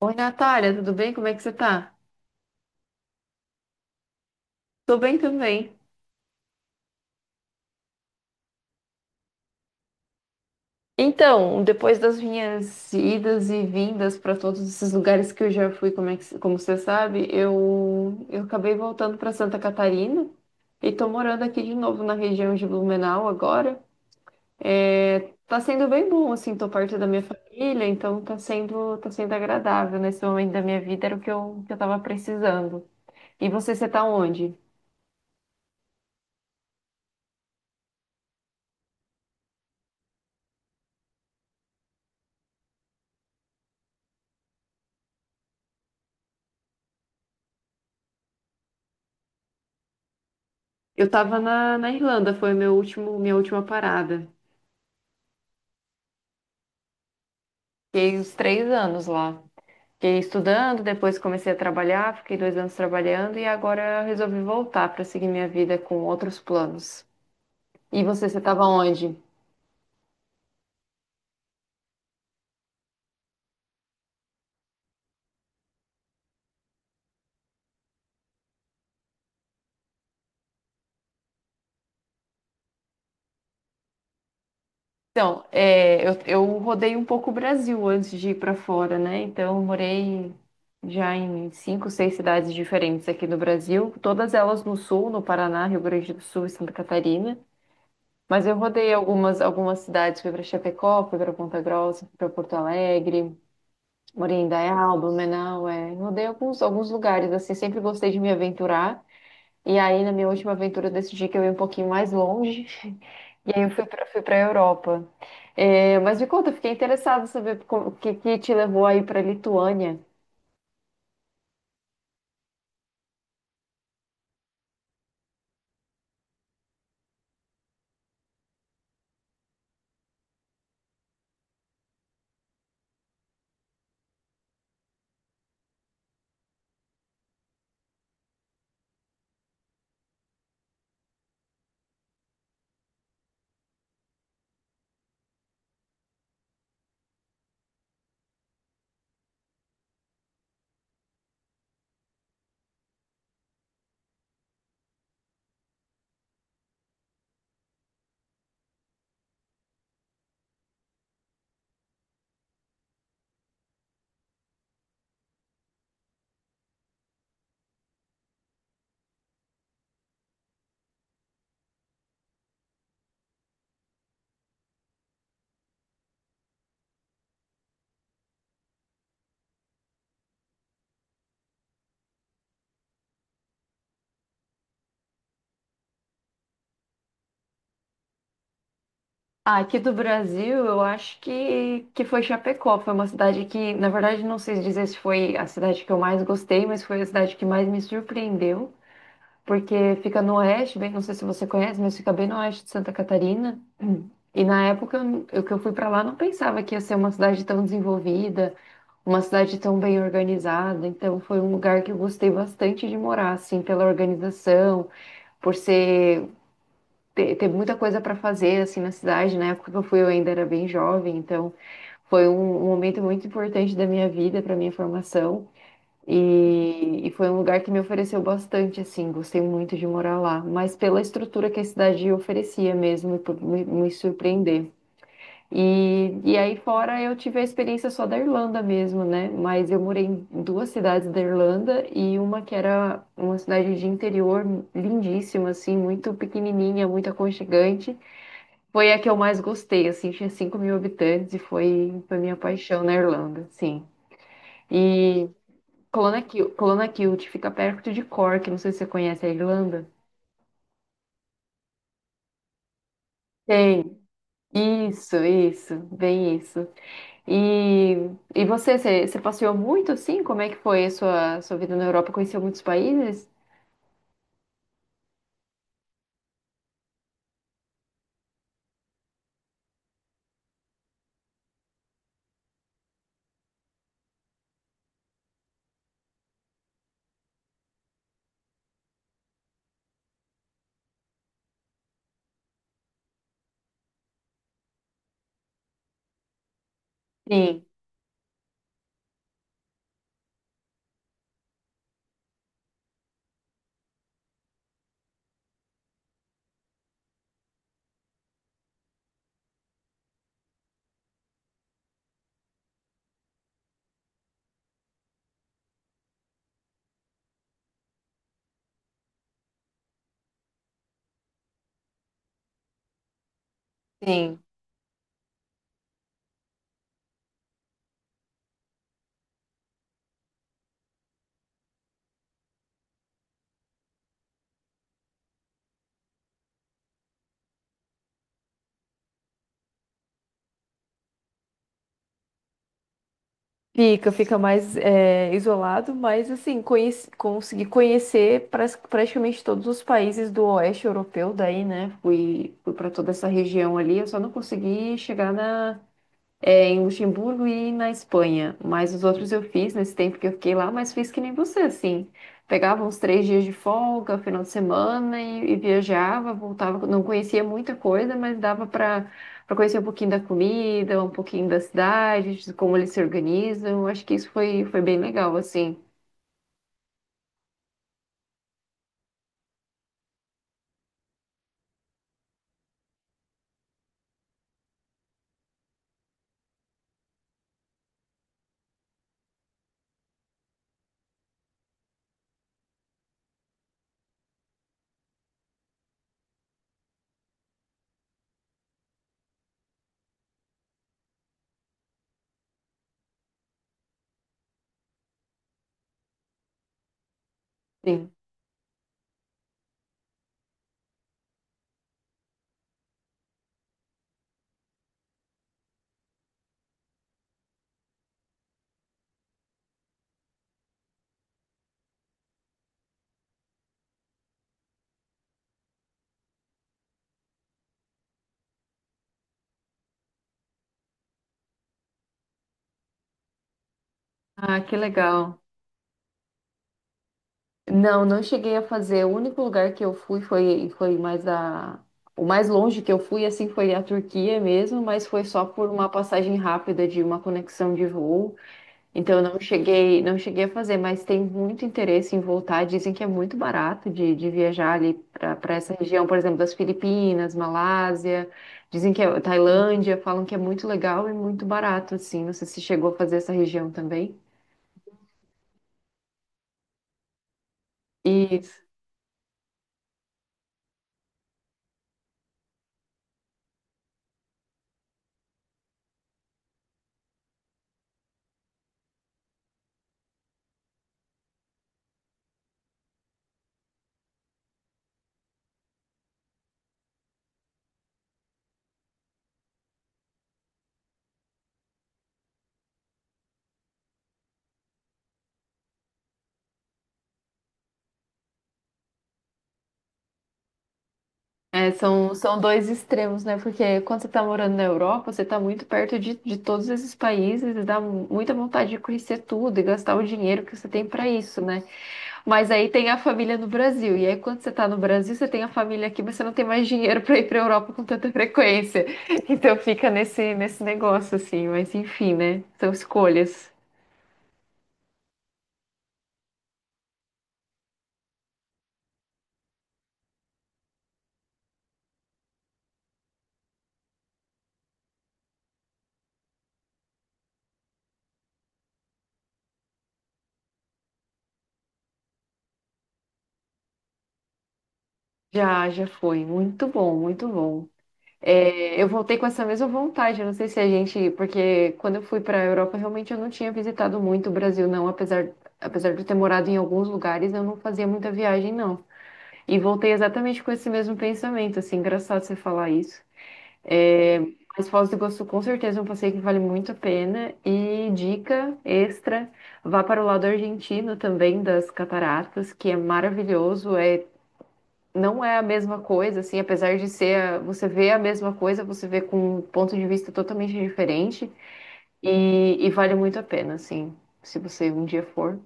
Oi, Natália, tudo bem? Como é que você tá? Tô bem também. Então, depois das minhas idas e vindas para todos esses lugares que eu já fui, como você sabe, eu acabei voltando para Santa Catarina e tô morando aqui de novo na região de Blumenau agora. É, tá sendo bem bom, assim, tô perto da minha família, então tá sendo agradável nesse momento da minha vida, era o que eu tava precisando. E você, você tá onde? Eu tava na Irlanda, foi meu último, minha última parada. Fiquei uns 3 anos lá. Fiquei estudando, depois comecei a trabalhar, fiquei 2 anos trabalhando e agora eu resolvi voltar para seguir minha vida com outros planos. E você, você estava onde? Então, eu rodei um pouco o Brasil antes de ir para fora, né? Então, eu morei já em cinco, seis cidades diferentes aqui no Brasil, todas elas no sul, no Paraná, Rio Grande do Sul e Santa Catarina. Mas eu rodei algumas cidades, fui para Chapecó, fui para Ponta Grossa, fui para Porto Alegre. Morindaial, Blumenau, é. Rodei alguns lugares, assim, sempre gostei de me aventurar. E aí, na minha última aventura, eu decidi que eu ia um pouquinho mais longe. E aí, eu fui para fui para a Europa. É, mas me conta, eu fiquei interessada em saber o que, que te levou aí para a Lituânia. Ah, aqui do Brasil, eu acho que foi Chapecó. Foi uma cidade que, na verdade, não sei dizer se foi a cidade que eu mais gostei, mas foi a cidade que mais me surpreendeu, porque fica no oeste, bem, não sei se você conhece, mas fica bem no oeste de Santa Catarina. E na época eu que eu fui para lá não pensava que ia ser uma cidade tão desenvolvida, uma cidade tão bem organizada. Então foi um lugar que eu gostei bastante de morar, assim, pela organização, por ser ter, ter muita coisa para fazer assim na cidade. Na época que eu fui eu ainda era bem jovem, então foi um momento muito importante da minha vida, para minha formação. E foi um lugar que me ofereceu bastante, assim, gostei muito de morar lá, mas pela estrutura que a cidade oferecia mesmo, e por me surpreender. E aí fora eu tive a experiência só da Irlanda mesmo, né? Mas eu morei em duas cidades da Irlanda e uma que era uma cidade de interior lindíssima, assim, muito pequenininha, muito aconchegante. Foi a que eu mais gostei, assim, tinha 5 mil habitantes e foi, foi minha paixão na Irlanda, sim. E Colona Kilt, Colona Kilt fica perto de Cork, não sei se você conhece a Irlanda. Tem. Isso, bem isso. E, e você, você passeou muito assim? Como é que foi a sua, sua vida na Europa? Conheceu muitos países? Sim, sim. Fica, fica mais isolado, mas assim, conheci, consegui conhecer praticamente todos os países do oeste europeu daí, né? Fui, fui para toda essa região ali, eu só não consegui chegar na, é, em Luxemburgo e na Espanha. Mas os outros eu fiz nesse tempo que eu fiquei lá, mas fiz que nem você, assim. Pegava uns 3 dias de folga, final de semana e viajava, voltava. Não conhecia muita coisa, mas dava para para conhecer um pouquinho da comida, um pouquinho da cidade, de como eles se organizam. Acho que isso foi, foi bem legal, assim. Sim. Ah, que legal. Não, não cheguei a fazer. O único lugar que eu fui foi, foi mais a. O mais longe que eu fui, assim, foi a Turquia mesmo, mas foi só por uma passagem rápida de uma conexão de voo. Então, eu não cheguei, não cheguei a fazer, mas tem muito interesse em voltar. Dizem que é muito barato de viajar ali para essa região, por exemplo, das Filipinas, Malásia. Dizem que é Tailândia, falam que é muito legal e muito barato, assim. Não sei se chegou a fazer essa região também. Isso. É, são dois extremos, né? Porque quando você está morando na Europa, você está muito perto de todos esses países e dá muita vontade de conhecer tudo e gastar o dinheiro que você tem para isso, né? Mas aí tem a família no Brasil. E aí, quando você está no Brasil, você tem a família aqui, mas você não tem mais dinheiro para ir para a Europa com tanta frequência. Então fica nesse, nesse negócio, assim. Mas enfim, né? São escolhas. Já, já foi. Muito bom, muito bom. É, eu voltei com essa mesma vontade. Eu não sei se a gente, porque quando eu fui para a Europa, realmente eu não tinha visitado muito o Brasil, não. Apesar, apesar de eu ter morado em alguns lugares, eu não fazia muita viagem, não. E voltei exatamente com esse mesmo pensamento, assim, engraçado você falar isso. É, mas Foz do Iguaçu, com certeza, é um passeio que vale muito a pena. E dica extra, vá para o lado argentino também das cataratas, que é maravilhoso. É não é a mesma coisa, assim, apesar de ser, você vê a mesma coisa, você vê com um ponto de vista totalmente diferente e vale muito a pena, assim, se você um dia for.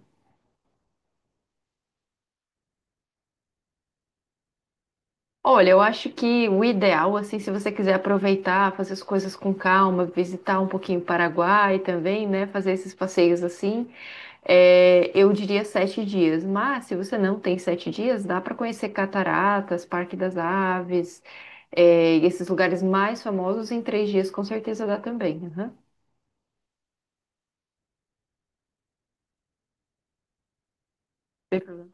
Olha, eu acho que o ideal, assim, se você quiser aproveitar, fazer as coisas com calma, visitar um pouquinho o Paraguai também, né, fazer esses passeios assim, é, eu diria 7 dias, mas se você não tem 7 dias, dá para conhecer cataratas, Parque das Aves, é, e esses lugares mais famosos em 3 dias, com certeza dá também. Aham. Sem problema.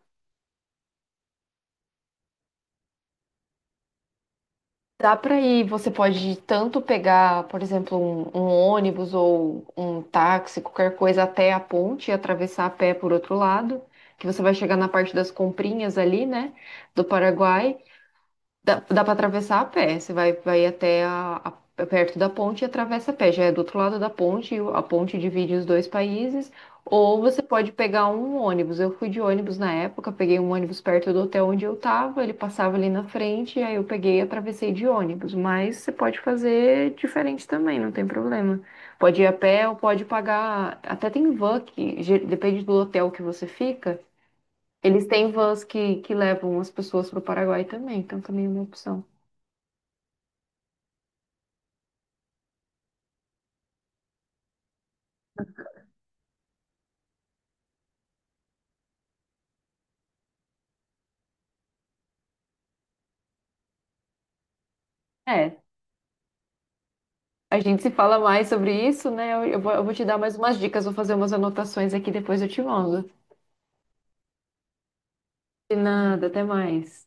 Dá para ir, você pode tanto pegar, por exemplo, um ônibus ou um táxi, qualquer coisa, até a ponte e atravessar a pé por outro lado, que você vai chegar na parte das comprinhas ali, né, do Paraguai. Dá, dá para atravessar a pé. Você vai, vai até perto da ponte e atravessa a pé. Já é do outro lado da ponte, e a ponte divide os dois países. Ou você pode pegar um ônibus. Eu fui de ônibus na época, peguei um ônibus perto do hotel onde eu tava, ele passava ali na frente, aí eu peguei e atravessei de ônibus. Mas você pode fazer diferente também, não tem problema. Pode ir a pé ou pode pagar. Até tem van que depende do hotel que você fica, eles têm vans que levam as pessoas para o Paraguai também, então também é uma opção. É, a gente se fala mais sobre isso, né? Eu vou, eu vou te dar mais umas dicas, vou fazer umas anotações aqui, depois eu te mando. De nada, até mais.